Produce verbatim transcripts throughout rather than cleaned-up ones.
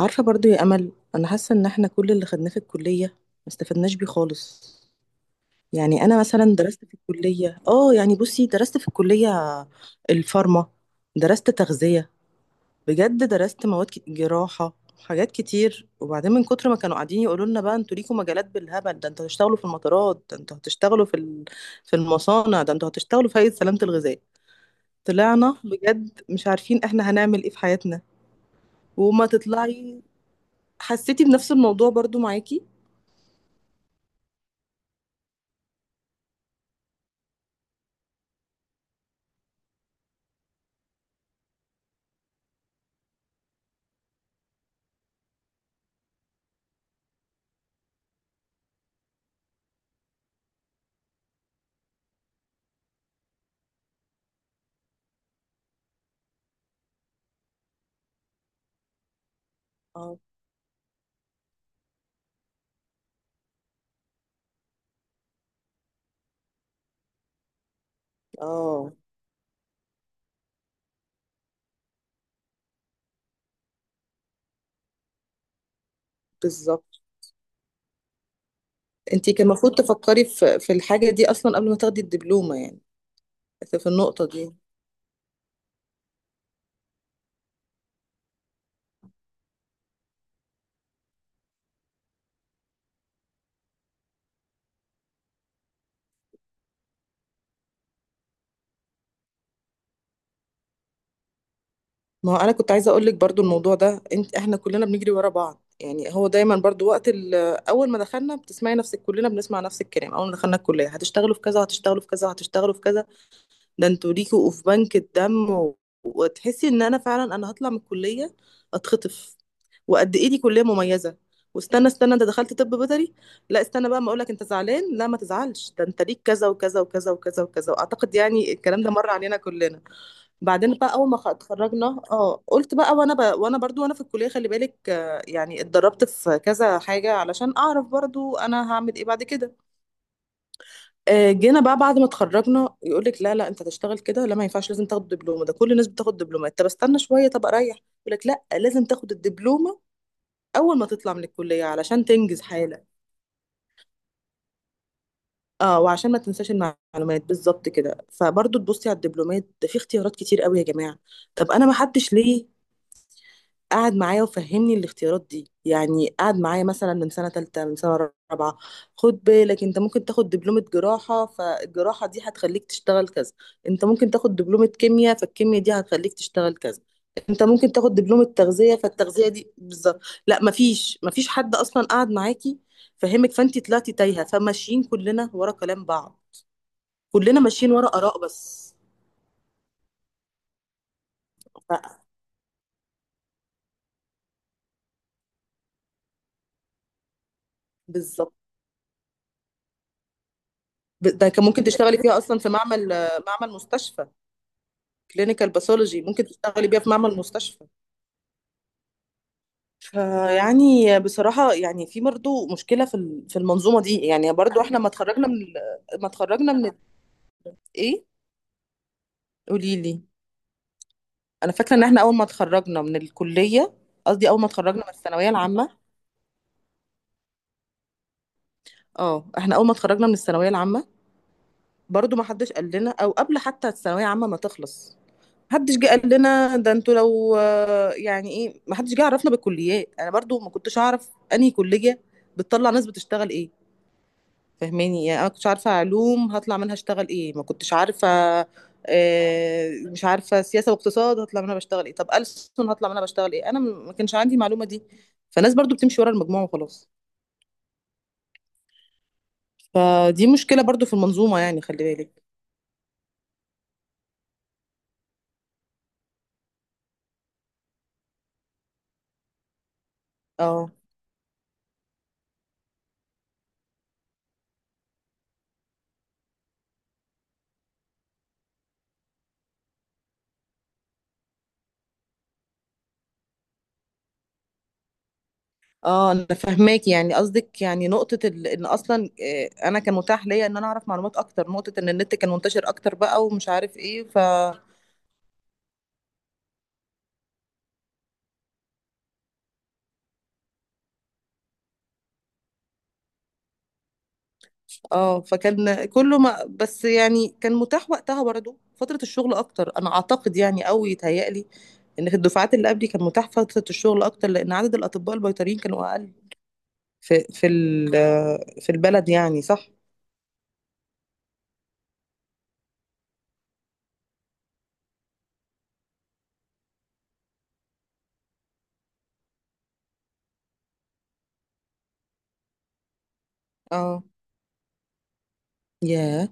عارفة برضو يا أمل، أنا حاسة إن إحنا كل اللي خدناه في الكلية ما استفدناش بيه خالص. يعني أنا مثلا درست في الكلية آه يعني بصي، درست في الكلية الفارما، درست تغذية، بجد درست مواد كت- جراحة، حاجات كتير. وبعدين من كتر ما كانوا قاعدين يقولوا لنا بقى: انتوا ليكوا مجالات بالهبل، ده انتوا هتشتغلوا في المطارات، ده انتوا هتشتغلوا في ال- في المصانع، ده انتوا هتشتغلوا في هيئة سلامة الغذاء. طلعنا بجد مش عارفين احنا هنعمل ايه في حياتنا. وما تطلعي، حسيتي بنفس الموضوع برضو معاكي؟ اه. اه بالظبط. انت كان المفروض تفكري في في الحاجه دي اصلا قبل ما تاخدي الدبلومه يعني، في في النقطه دي. ما هو انا كنت عايزه اقول لك برضو الموضوع ده، انت احنا كلنا بنجري ورا بعض. يعني هو دايما برضو وقت ال- اول ما دخلنا بتسمعي نفسك كلنا بنسمع نفس الكلام، اول ما دخلنا الكليه: هتشتغلوا في كذا، هتشتغلوا في كذا، هتشتغلوا في كذا، ده انتوا ليكوا في بنك الدم و... وتحسي ان انا فعلا انا هطلع من الكليه اتخطف، وقد ايه دي كليه مميزه. واستنى استنى، انت دخلت طب بيطري؟ لا استنى بقى ما اقولك، انت زعلان، لا ما تزعلش، ده انت ليك كذا وكذا وكذا وكذا وكذا. واعتقد يعني الكلام ده مر علينا كلنا. بعدين بقى اول ما خ- اتخرجنا، اه قلت بقى، وانا ب... وانا برضو وانا في الكليه خلي بالك، آه، يعني اتدربت في كذا حاجه علشان اعرف برضو انا هعمل ايه بعد كده. آه، جينا بقى بعد ما اتخرجنا يقول لك لا لا انت هتشتغل كده، لا ما ينفعش لازم تاخد دبلومه، ده كل الناس بتاخد دبلومه. طب استنى شويه، طب اريح، يقول لك لا لازم تاخد الدبلومه اول ما تطلع من الكليه علشان تنجز حالك. اه وعشان ما تنساش المعلومات بالظبط كده. فبرضه تبصي على الدبلومات، ده في اختيارات كتير قوي يا جماعه. طب انا ما حدش ليه قعد معايا وفهمني الاختيارات دي يعني، قعد معايا مثلا من سنة تالتة من سنة رابعة: خد بالك انت ممكن تاخد دبلومة جراحة فالجراحة دي هتخليك تشتغل كذا، انت ممكن تاخد دبلومة كيمياء فالكيمياء دي هتخليك تشتغل كذا، انت ممكن تاخد دبلومة تغذية فالتغذية دي بالظبط. لا مفيش مفيش حد اصلا قعد معاكي فهمك، فانت طلعتي تايهة، فماشيين كلنا ورا كلام بعض. كلنا ماشيين ورا آراء بس. ف- بالظبط. ب- ده كان ممكن تشتغلي فيها اصلا في معمل، معمل مستشفى. كلينيكال باثولوجي ممكن تشتغلي بيها في معمل مستشفى. فيعني بصراحة يعني في برضه مشكلة في ال- في المنظومة دي. يعني برضه احنا ما اتخرجنا من ال- ما اتخرجنا من ال- ايه؟ قولي لي. انا فاكرة ان احنا اول ما اتخرجنا من الكلية، قصدي اول ما اتخرجنا من الثانوية العامة، اه احنا اول ما اتخرجنا من الثانوية العامة برضه ما حدش قال لنا. او قبل حتى الثانوية العامة ما تخلص محدش جه قال لنا ده انتوا لو آه، يعني ايه، محدش جه عرفنا بالكليات. انا برضو ما كنتش اعرف انهي كلية بتطلع ناس بتشتغل ايه، فهماني؟ يعني انا كنتش عارفه علوم هطلع منها اشتغل ايه، ما كنتش عارفه. آه، مش عارفه سياسه واقتصاد هطلع منها بشتغل ايه، طب ألسن هطلع منها بشتغل ايه. انا م- ما كانش عندي المعلومه دي. فالناس برضو بتمشي ورا المجموعه وخلاص. فدي مشكله برضو في المنظومه يعني، خلي بالك. اه. اه انا فاهماك، يعني قصدك يعني نقطه ال... ان اصلا آه، انا كان متاح ليا ان انا اعرف معلومات اكتر، نقطه ان النت كان منتشر اكتر بقى، ومش عارف ايه. اه فكان كله ما بس، يعني كان متاح وقتها برضه فترة الشغل أكتر أنا أعتقد، يعني أو يتهيألي إن في الدفعات اللي قبلي كان متاح فترة الشغل أكتر، لأن عدد الأطباء البيطريين كانوا أقل في في ال- في البلد يعني، صح؟ اه. ياه.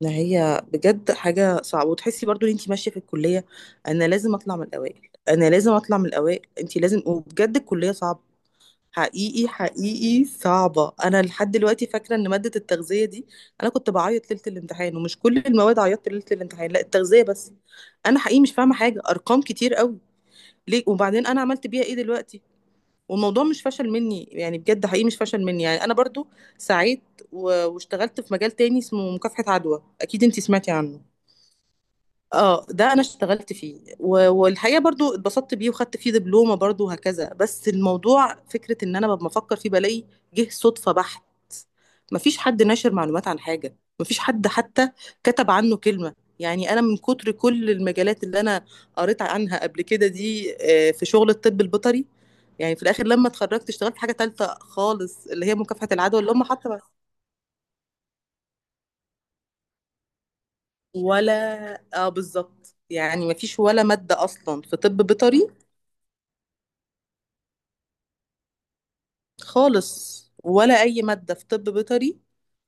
ما هي بجد حاجة صعبة، وتحسي برضو ان انتي ماشية في الكلية انا لازم اطلع من الاوائل، انا لازم اطلع من الاوائل، انتي لازم. وبجد الكلية صعبة، حقيقي حقيقي صعبة. أنا لحد دلوقتي فاكرة إن مادة التغذية دي، أنا كنت بعيط ليلة الامتحان، ومش كل المواد عيطت ليلة الامتحان، لا التغذية بس. أنا حقيقي مش فاهمة حاجة، أرقام كتير قوي، ليه؟ وبعدين أنا عملت بيها إيه دلوقتي؟ والموضوع مش فشل مني يعني، بجد حقيقي مش فشل مني يعني، أنا برضو سعيت و- واشتغلت في مجال تاني اسمه مكافحة عدوى، أكيد أنتي سمعتي عنه. اه ده انا اشتغلت فيه و- والحقيقه برضو اتبسطت بيه، وخدت فيه دبلومه برضو، وهكذا. بس الموضوع فكره ان انا ببقى بفكر فيه بلاقي جه صدفه بحت، مفيش حد ناشر معلومات عن حاجه، مفيش حد حتى كتب عنه كلمه يعني. انا من كتر كل المجالات اللي انا قريت عنها قبل كده دي، آه، في شغل الطب البيطري، يعني في الاخر لما اتخرجت اشتغلت في حاجه تالته خالص اللي هي مكافحه العدوى، اللي هم حتى ولا. اه بالظبط، يعني مفيش ولا ماده اصلا في طب بيطري. خالص ولا أي مادة في طب بيطري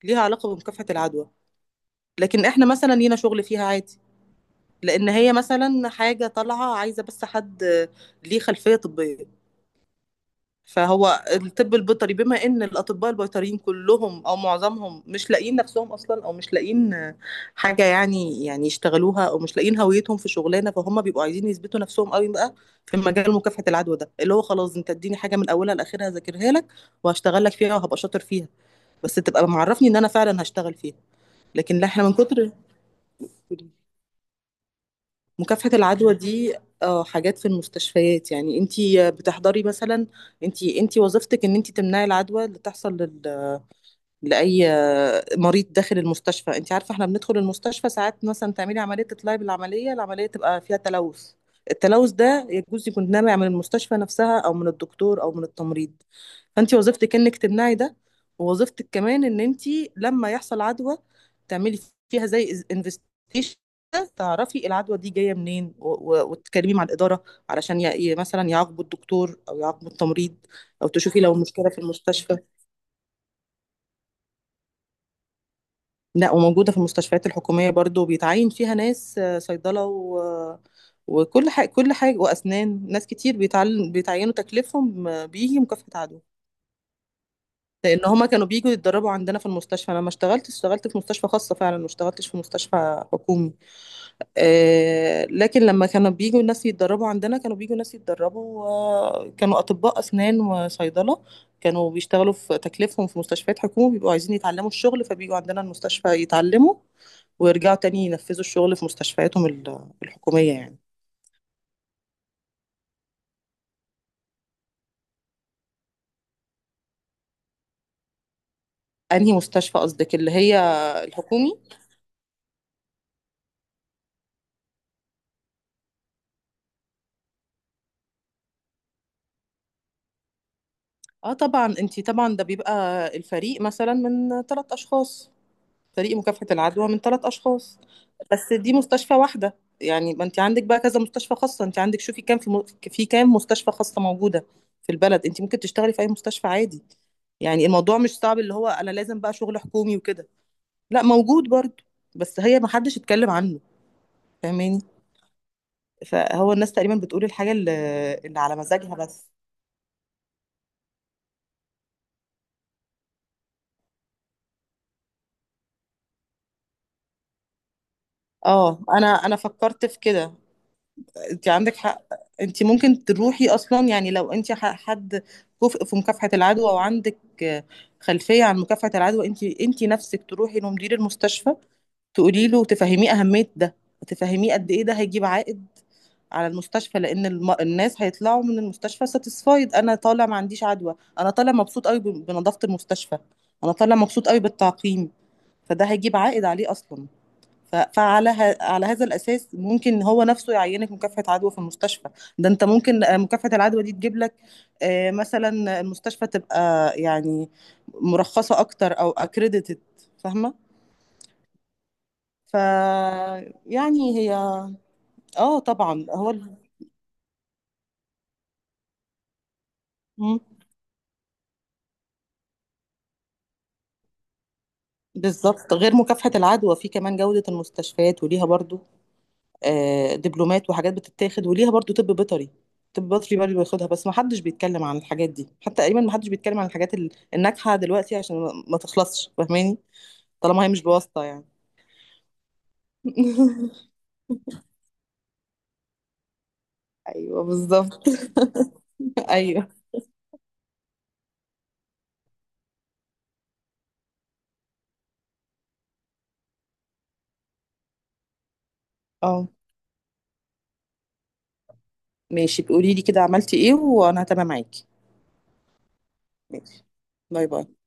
ليها علاقة بمكافحة العدوى. لكن احنا مثلا لينا شغل فيها عادي، لأن هي مثلا حاجة طالعة عايزة بس حد ليه خلفية طبية. فهو الطب البيطري، بما إن الأطباء البيطريين كلهم أو معظمهم مش لاقيين نفسهم أصلا، أو مش لاقيين حاجة يعني يعني يشتغلوها، أو مش لاقيين هويتهم في شغلانة، فهم بيبقوا عايزين يثبتوا نفسهم قوي بقى في مجال مكافحة العدوى ده، اللي هو خلاص أنت اديني حاجة من أولها لآخرها ذاكرها لك وهشتغل لك فيها وهبقى شاطر فيها، بس تبقى معرفني ان انا فعلا هشتغل فيها. لكن لا احنا من كتر. مكافحة العدوى دي اه حاجات في المستشفيات، يعني انتي بتحضري مثلا، انتي انتي وظيفتك ان انتي تمنعي العدوى اللي تحصل لاي مريض داخل المستشفى. انت عارفه احنا بندخل المستشفى ساعات مثلا تعملي عمليه، تطلعي بالعمليه، العمليه تبقى فيها تلوث. التلوث ده يجوز يكون نابع من المستشفى نفسها او من الدكتور او من التمريض. فانت وظيفتك انك تمنعي ده، ووظيفتك كمان ان انت لما يحصل عدوى تعملي فيها زي انفستيشن، تعرفي العدوى دي جايه منين، و- و- وتتكلمي مع الاداره علشان ي- ي- مثلا يعاقبوا الدكتور او يعاقبوا التمريض، او تشوفي لو مشكله في المستشفى. لا، وموجودة في المستشفيات الحكومية برضو، بيتعين فيها ناس آه، صيدلة و... وكل حاجة كل حاجة وأسنان، ناس كتير بيتعل... بيتعينوا تكليفهم آه، بيجي مكافحة عدوى. لأن هما كانوا بيجوا يتدربوا عندنا في المستشفى. أنا ما اشتغلتش، اشتغلت في مستشفى خاصة، فعلا ما اشتغلتش في مستشفى حكومي. آه، لكن لما كانوا بيجوا ناس يتدربوا عندنا، كانوا بيجوا ناس يتدربوا، آه، كانوا أطباء أسنان وصيدلة، كانوا بيشتغلوا في تكليفهم في مستشفيات حكومة، بيبقوا عايزين يتعلموا الشغل، فبيجوا عندنا المستشفى يتعلموا ويرجعوا تاني ينفذوا الشغل في مستشفياتهم ال- الحكومية يعني. أنهي مستشفى قصدك؟ اللي هي الحكومي؟ اه طبعا انتي، طبعا ده بيبقى الفريق مثلا من ثلاث أشخاص، فريق مكافحة العدوى من ثلاث أشخاص. بس دي مستشفى واحدة. يعني ما أنت عندك بقى كذا مستشفى خاصة، أنت عندك شوفي كام في م... في كام مستشفى خاصة موجودة في البلد. أنت ممكن تشتغلي في أي مستشفى عادي يعني. الموضوع مش صعب اللي هو أنا لازم بقى شغل حكومي وكده، لا موجود برضه، بس هي ما حدش اتكلم عنه. فاهماني؟ فهو الناس تقريبا بتقول الحاجة اللي، اللي على مزاجها بس. اه انا انا فكرت في كده. انت عندك حق. انت ممكن تروحي اصلا يعني، لو انت ح- حد كفء في مكافحة العدوى، او عندك آه، خلفية عن مكافحة العدوى، انت انت نفسك تروحي لمدير المستشفى تقولي له، تفهميه اهمية ده، تفهميه قد ايه ده هيجيب عائد على المستشفى. لان الم... الناس هيطلعوا من المستشفى ساتيسفايد، انا طالع ما عنديش عدوى، انا طالع مبسوط قوي بنظافة المستشفى، انا طالع مبسوط قوي بالتعقيم. فده هيجيب عائد عليه اصلا. ف- فعلى ه- على هذا الأساس ممكن هو نفسه يعينك مكافحة عدوى في المستشفى. ده انت ممكن آه، مكافحة العدوى دي تجيب لك، آه، مثلا المستشفى تبقى يعني مرخصة أكتر أو أكريديتد، فاهمة؟ ف يعني هي. اه طبعا، هو ال- مم. بالظبط. غير مكافحة العدوى، في كمان جودة المستشفيات وليها برضو آه، دبلومات وحاجات بتتاخد، وليها برضو طب بيطري. طب بيطري برضو بياخدها، بس ما حدش بيتكلم عن الحاجات دي، حتى تقريبا ما حدش بيتكلم عن الحاجات ال- الناجحة دلوقتي عشان ما ما تخلصش. فاهماني؟ طالما هي مش بواسطة يعني. ايوه بالظبط. ايوه. اه ماشي، بقولي لي كده عملتي ايه وانا هتابع معاكي. ماشي. باي باي.